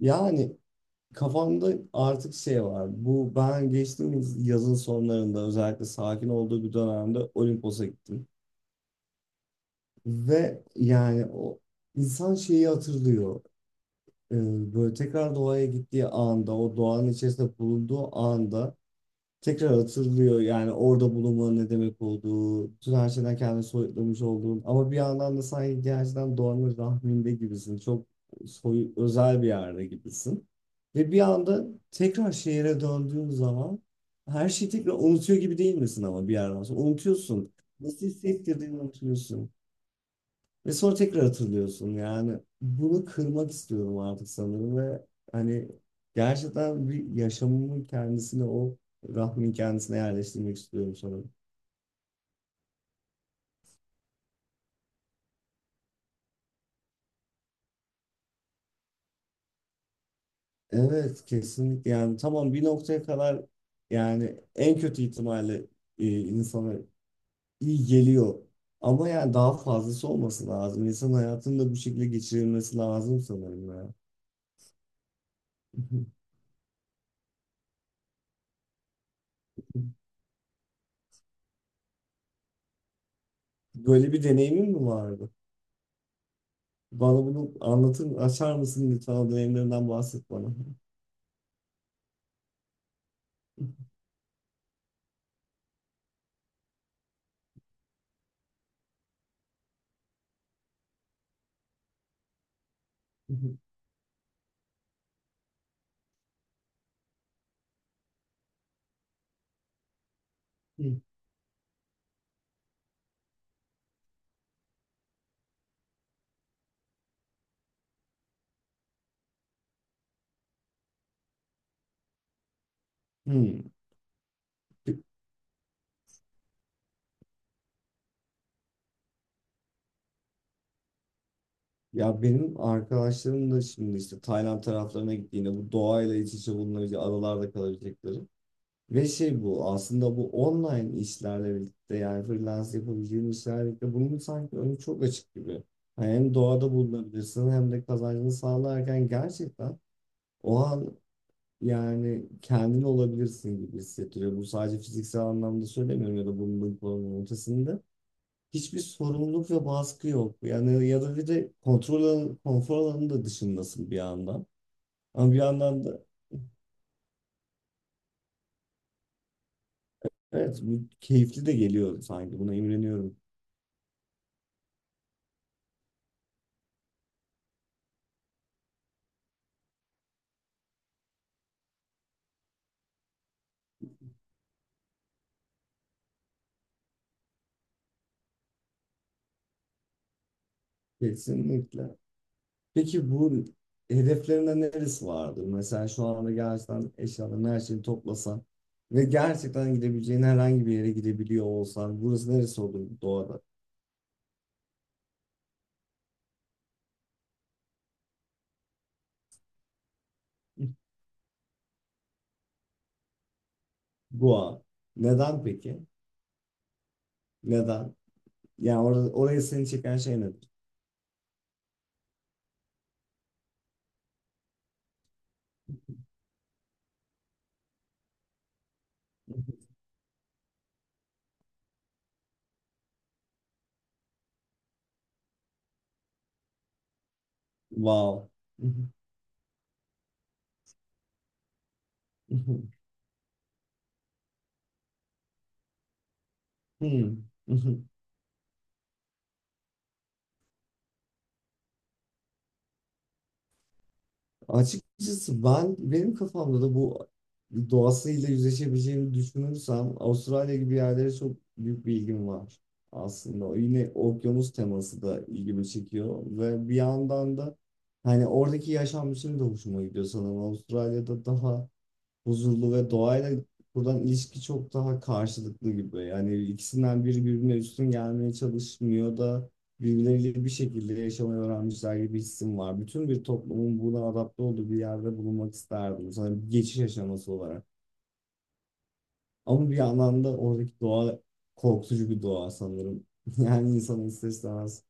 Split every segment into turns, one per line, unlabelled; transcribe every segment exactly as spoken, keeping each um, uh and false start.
Yani kafamda artık şey var. Bu ben geçtiğimiz yazın sonlarında özellikle sakin olduğu bir dönemde Olimpos'a gittim. Ve yani o insan şeyi hatırlıyor. Ee, böyle tekrar doğaya gittiği anda, o doğanın içerisinde bulunduğu anda tekrar hatırlıyor yani orada bulunmanın ne demek olduğu, bütün her şeyden kendini soyutlamış olduğun ama bir yandan da sanki gerçekten doğanın rahminde gibisin. Çok soy, özel bir yerde gibisin. Ve bir anda tekrar şehire döndüğün zaman her şeyi tekrar unutuyor gibi değil misin ama bir yerden sonra? Unutuyorsun. Nasıl hissettirdiğini unutuyorsun. Ve sonra tekrar hatırlıyorsun yani. Bunu kırmak istiyorum artık sanırım ve hani gerçekten bir yaşamımın kendisine o rahmin kendisine yerleştirmek istiyorum sanırım. Evet kesinlikle yani tamam bir noktaya kadar yani en kötü ihtimalle e, insana iyi geliyor. Ama yani daha fazlası olması lazım. İnsan hayatını da bu şekilde geçirilmesi lazım sanırım ya. Böyle bir deneyimin mi vardı? Bana bunu anlatır, açar mısın lütfen o dönemlerinden bahset bana. Hmm. Ya benim arkadaşlarım da şimdi işte Tayland taraflarına gittiğinde bu doğayla iç içe bulunabilecek adalarda kalabilecekleri. Ve şey bu aslında bu online işlerle birlikte yani freelance yapabileceğin işlerle birlikte bunun sanki önü çok açık gibi. Yani hem doğada bulunabilirsin hem de kazancını sağlarken gerçekten o an yani kendin olabilirsin gibi hissettiriyor. Bu sadece fiziksel anlamda söylemiyorum ya da bunun bunun ötesinde. Hiçbir sorumluluk ve baskı yok. Yani ya da bir de kontrol alanı, konfor alanının da dışındasın bir yandan. Ama bir yandan da evet bu keyifli de geliyor sanki. Buna imreniyorum. Kesinlikle. Peki bu hedeflerinde neresi vardır? Mesela şu anda gerçekten eşyalarını her şeyi toplasan ve gerçekten gidebileceğin herhangi bir yere gidebiliyor olsan burası neresi olur doğada? Goa. Neden peki? Neden? Yani orada, orayı seni çeken şey nedir? Wow. Hmm. Açıkçası ben benim kafamda da bu doğasıyla yüzleşebileceğimi düşünürsem Avustralya gibi yerlere çok büyük bir ilgim var aslında. O yine okyanus teması da ilgimi çekiyor ve bir yandan da hani oradaki yaşam biçimi de hoşuma gidiyor sanırım. Avustralya'da daha huzurlu ve doğayla buradan ilişki çok daha karşılıklı gibi. Yani ikisinden biri birbirine üstün gelmeye çalışmıyor da birbirleriyle bir şekilde yaşamayı öğrenmişler gibi hissim var. Bütün bir toplumun buna adapte olduğu bir yerde bulunmak isterdim. Sanırım bir geçiş aşaması olarak. Ama bir yandan da oradaki doğa korkutucu bir doğa sanırım. Yani insanın ister istemez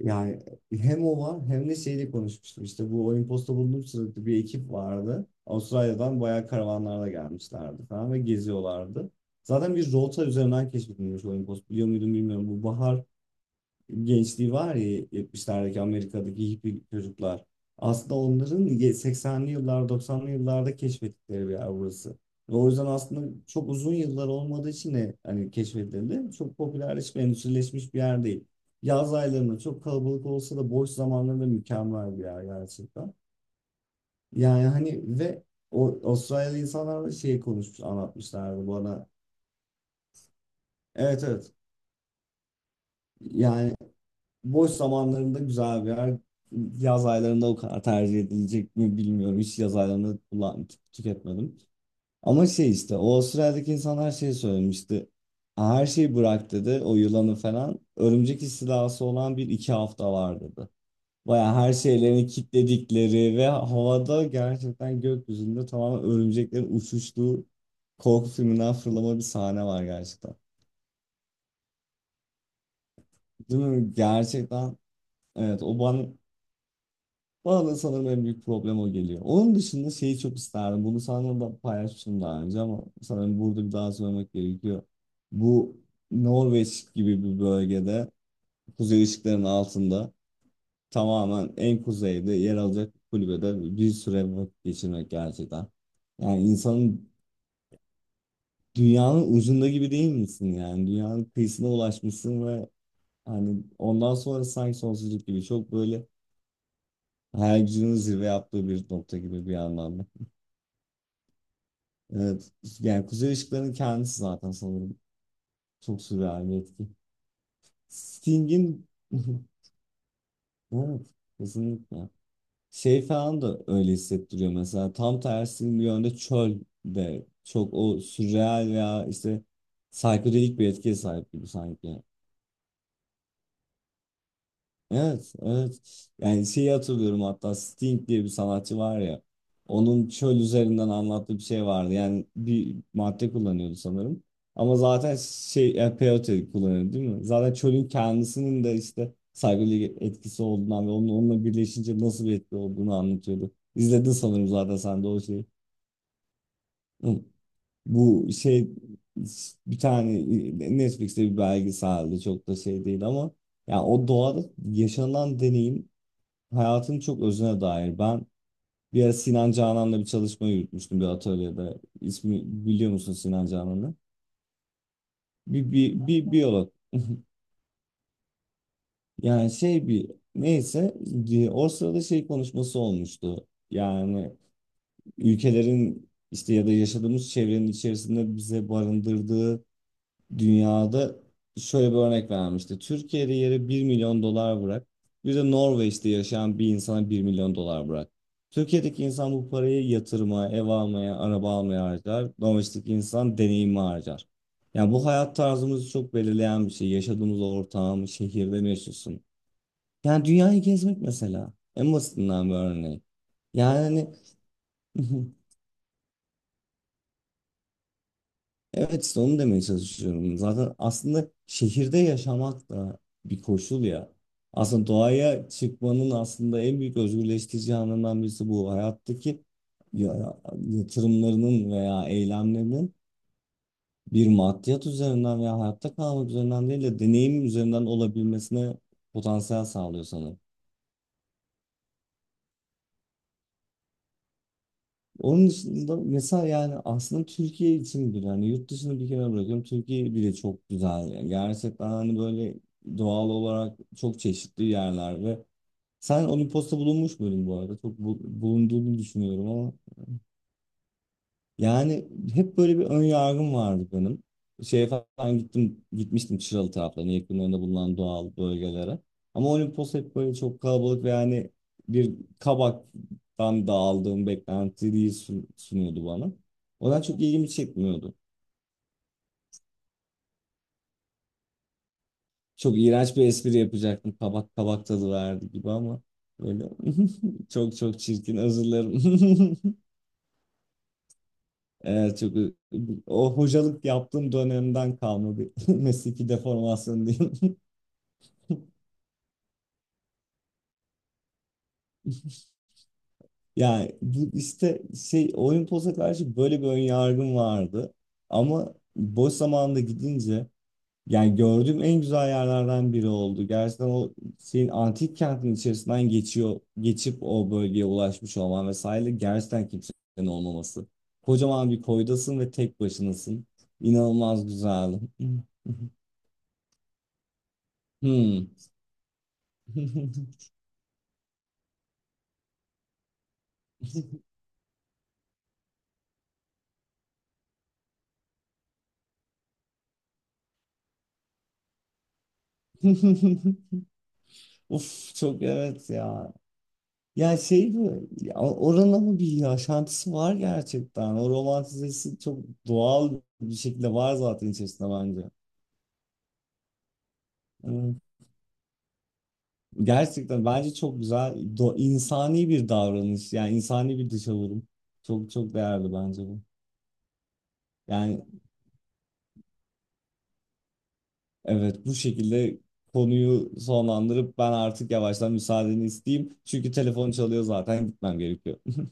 yani hem o var hem de şeyle konuşmuştum. İşte bu Olimpos'ta bulunduğum sırada bir ekip vardı. Avustralya'dan bayağı karavanlarla gelmişlerdi falan ve geziyorlardı. Zaten bir rota üzerinden keşfedilmiş Olimpos. Biliyor muydum bilmiyorum. Bu bahar gençliği var ya yetmişlerdeki Amerika'daki hippie çocuklar. Aslında onların ye- seksenli yıllar doksanlı yıllarda keşfettikleri bir yer burası. Ve o yüzden aslında çok uzun yıllar olmadığı için de hani keşfedildi. Çok popülerleşmiş, endüstrileşmiş bir yer değil. Yaz aylarında çok kalabalık olsa da boş zamanlarında mükemmel bir yer gerçekten. Yani hani ve o Avustralyalı insanlar da şey konuşmuş, anlatmışlardı bana. Evet, evet. Yani boş zamanlarında güzel bir yer. Yaz aylarında o kadar tercih edilecek mi bilmiyorum. Hiç yaz aylarında kullan tü- tüketmedim. Ama şey işte o Avustralya'daki insanlar şey söylemişti. Her şeyi bırak dedi o yılanı falan. Örümcek istilası olan bir iki hafta var dedi. Baya her şeylerini kilitledikleri ve havada gerçekten gökyüzünde tamamen örümceklerin uçuştuğu korku filminden fırlama bir sahne var gerçekten. Değil mi? Gerçekten evet o bana bana da sanırım en büyük problem o geliyor. Onun dışında şeyi çok isterdim. Bunu sana da paylaşmıştım daha önce ama sanırım burada bir daha söylemek gerekiyor. Bu Norveç gibi bir bölgede kuzey ışıklarının altında tamamen en kuzeyde yer alacak bir kulübede bir süre vakit geçirmek gerçekten. Yani insanın dünyanın ucunda gibi değil misin yani? Dünyanın kıyısına ulaşmışsın ve hani ondan sonra sanki sonsuzluk gibi çok böyle hayal gücünün zirve yaptığı bir nokta gibi bir anlamda. Evet. Yani Kuzey Işıkları'nın kendisi zaten sanırım. Çok sürreal bir etki. Sting'in evet, kesinlikle. Şey falan da öyle hissettiriyor mesela. Tam tersi bir yönde çöl de çok o sürreal veya işte psikodelik bir etkiye sahip gibi sanki. Evet, evet. Yani şeyi hatırlıyorum hatta Sting diye bir sanatçı var ya. Onun çöl üzerinden anlattığı bir şey vardı. Yani bir madde kullanıyordu sanırım. Ama zaten şey yani peyote kullanıyordu değil mi? Zaten çölün kendisinin de işte saygılı etkisi olduğundan ve onun onunla birleşince nasıl bir etki olduğunu anlatıyordu. İzledin sanırım zaten sen de o şeyi. Hı. Bu şey bir tane e, Netflix'te bir belgeseldi çok da şey değil ama yani o doğada yaşanan deneyim hayatın çok özüne dair. Ben bir ara Sinan Canan'la bir çalışma yürütmüştüm bir atölyede. İsmi biliyor musun Sinan Canan'ı? Bir, bir, bir biyolog. Yani şey bir neyse e, o sırada şey konuşması olmuştu. Yani ülkelerin işte ya da yaşadığımız çevrenin içerisinde bize barındırdığı dünyada şöyle bir örnek vermişti. Türkiye'de yere bir milyon dolar bırak. Bir de Norveç'te yaşayan bir insana bir milyon dolar bırak. Türkiye'deki insan bu parayı yatırmaya, ev almaya, araba almaya harcar. Norveç'teki insan deneyimi harcar. Yani bu hayat tarzımızı çok belirleyen bir şey. Yaşadığımız ortam, şehirde mi yaşıyorsun? Yani dünyayı gezmek mesela. En basitinden bir örneği. Yani evet işte onu demeye çalışıyorum. Zaten aslında şehirde yaşamak da bir koşul ya. Aslında doğaya çıkmanın aslında en büyük özgürleştirici anından birisi bu. Hayattaki ya- yatırımlarının veya eylemlerinin bir maddiyat üzerinden veya hayatta kalmak üzerinden değil de deneyim üzerinden olabilmesine potansiyel sağlıyor sana. Onun dışında mesela yani aslında Türkiye için bile hani yurt dışını bir kenara bırakıyorum. Türkiye bile çok güzel. Yani gerçekten hani böyle doğal olarak çok çeşitli yerler ve sen Olimpos'ta bulunmuş muydun bu arada? Çok bu- bulunduğunu düşünüyorum yani hep böyle bir ön yargım vardı benim. Şeye falan gittim, gitmiştim Çıralı taraflarına, yakınlarında bulunan doğal bölgelere. Ama Olimpos hep böyle çok kalabalık ve yani bir kabaktan da aldığım beklentiyi sun- sunuyordu bana. O da çok ilgimi çekmiyordu. Çok iğrenç bir espri yapacaktım. Kabak kabak tadı verdi gibi ama böyle çok çok çirkin, özür dilerim. Evet, çok o hocalık yaptığım dönemden kalma bir mesleki deformasyon diyeyim. Yani bu işte şey Olimpos'a karşı böyle bir ön yargım vardı. Ama boş zamanında gidince yani gördüğüm en güzel yerlerden biri oldu. Gerçekten o şeyin antik kentin içerisinden geçiyor, geçip o bölgeye ulaşmış olman vesaire gerçekten kimsenin olmaması. Kocaman bir koydasın ve tek başınasın. İnanılmaz güzeldi. Hmm. Uf çok evet ya. Yani şey mi? Ya oranın ama bir yaşantısı var gerçekten. O romantizesi çok doğal bir şekilde var zaten içerisinde bence. Hmm. Gerçekten bence çok güzel, do- insani bir davranış. Yani insani bir dışavurun. Çok çok değerli bence bu. Yani evet bu şekilde konuyu sonlandırıp ben artık yavaştan müsaadeni isteyeyim. Çünkü telefon çalıyor zaten gitmem gerekiyor.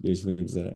Görüşmek üzere.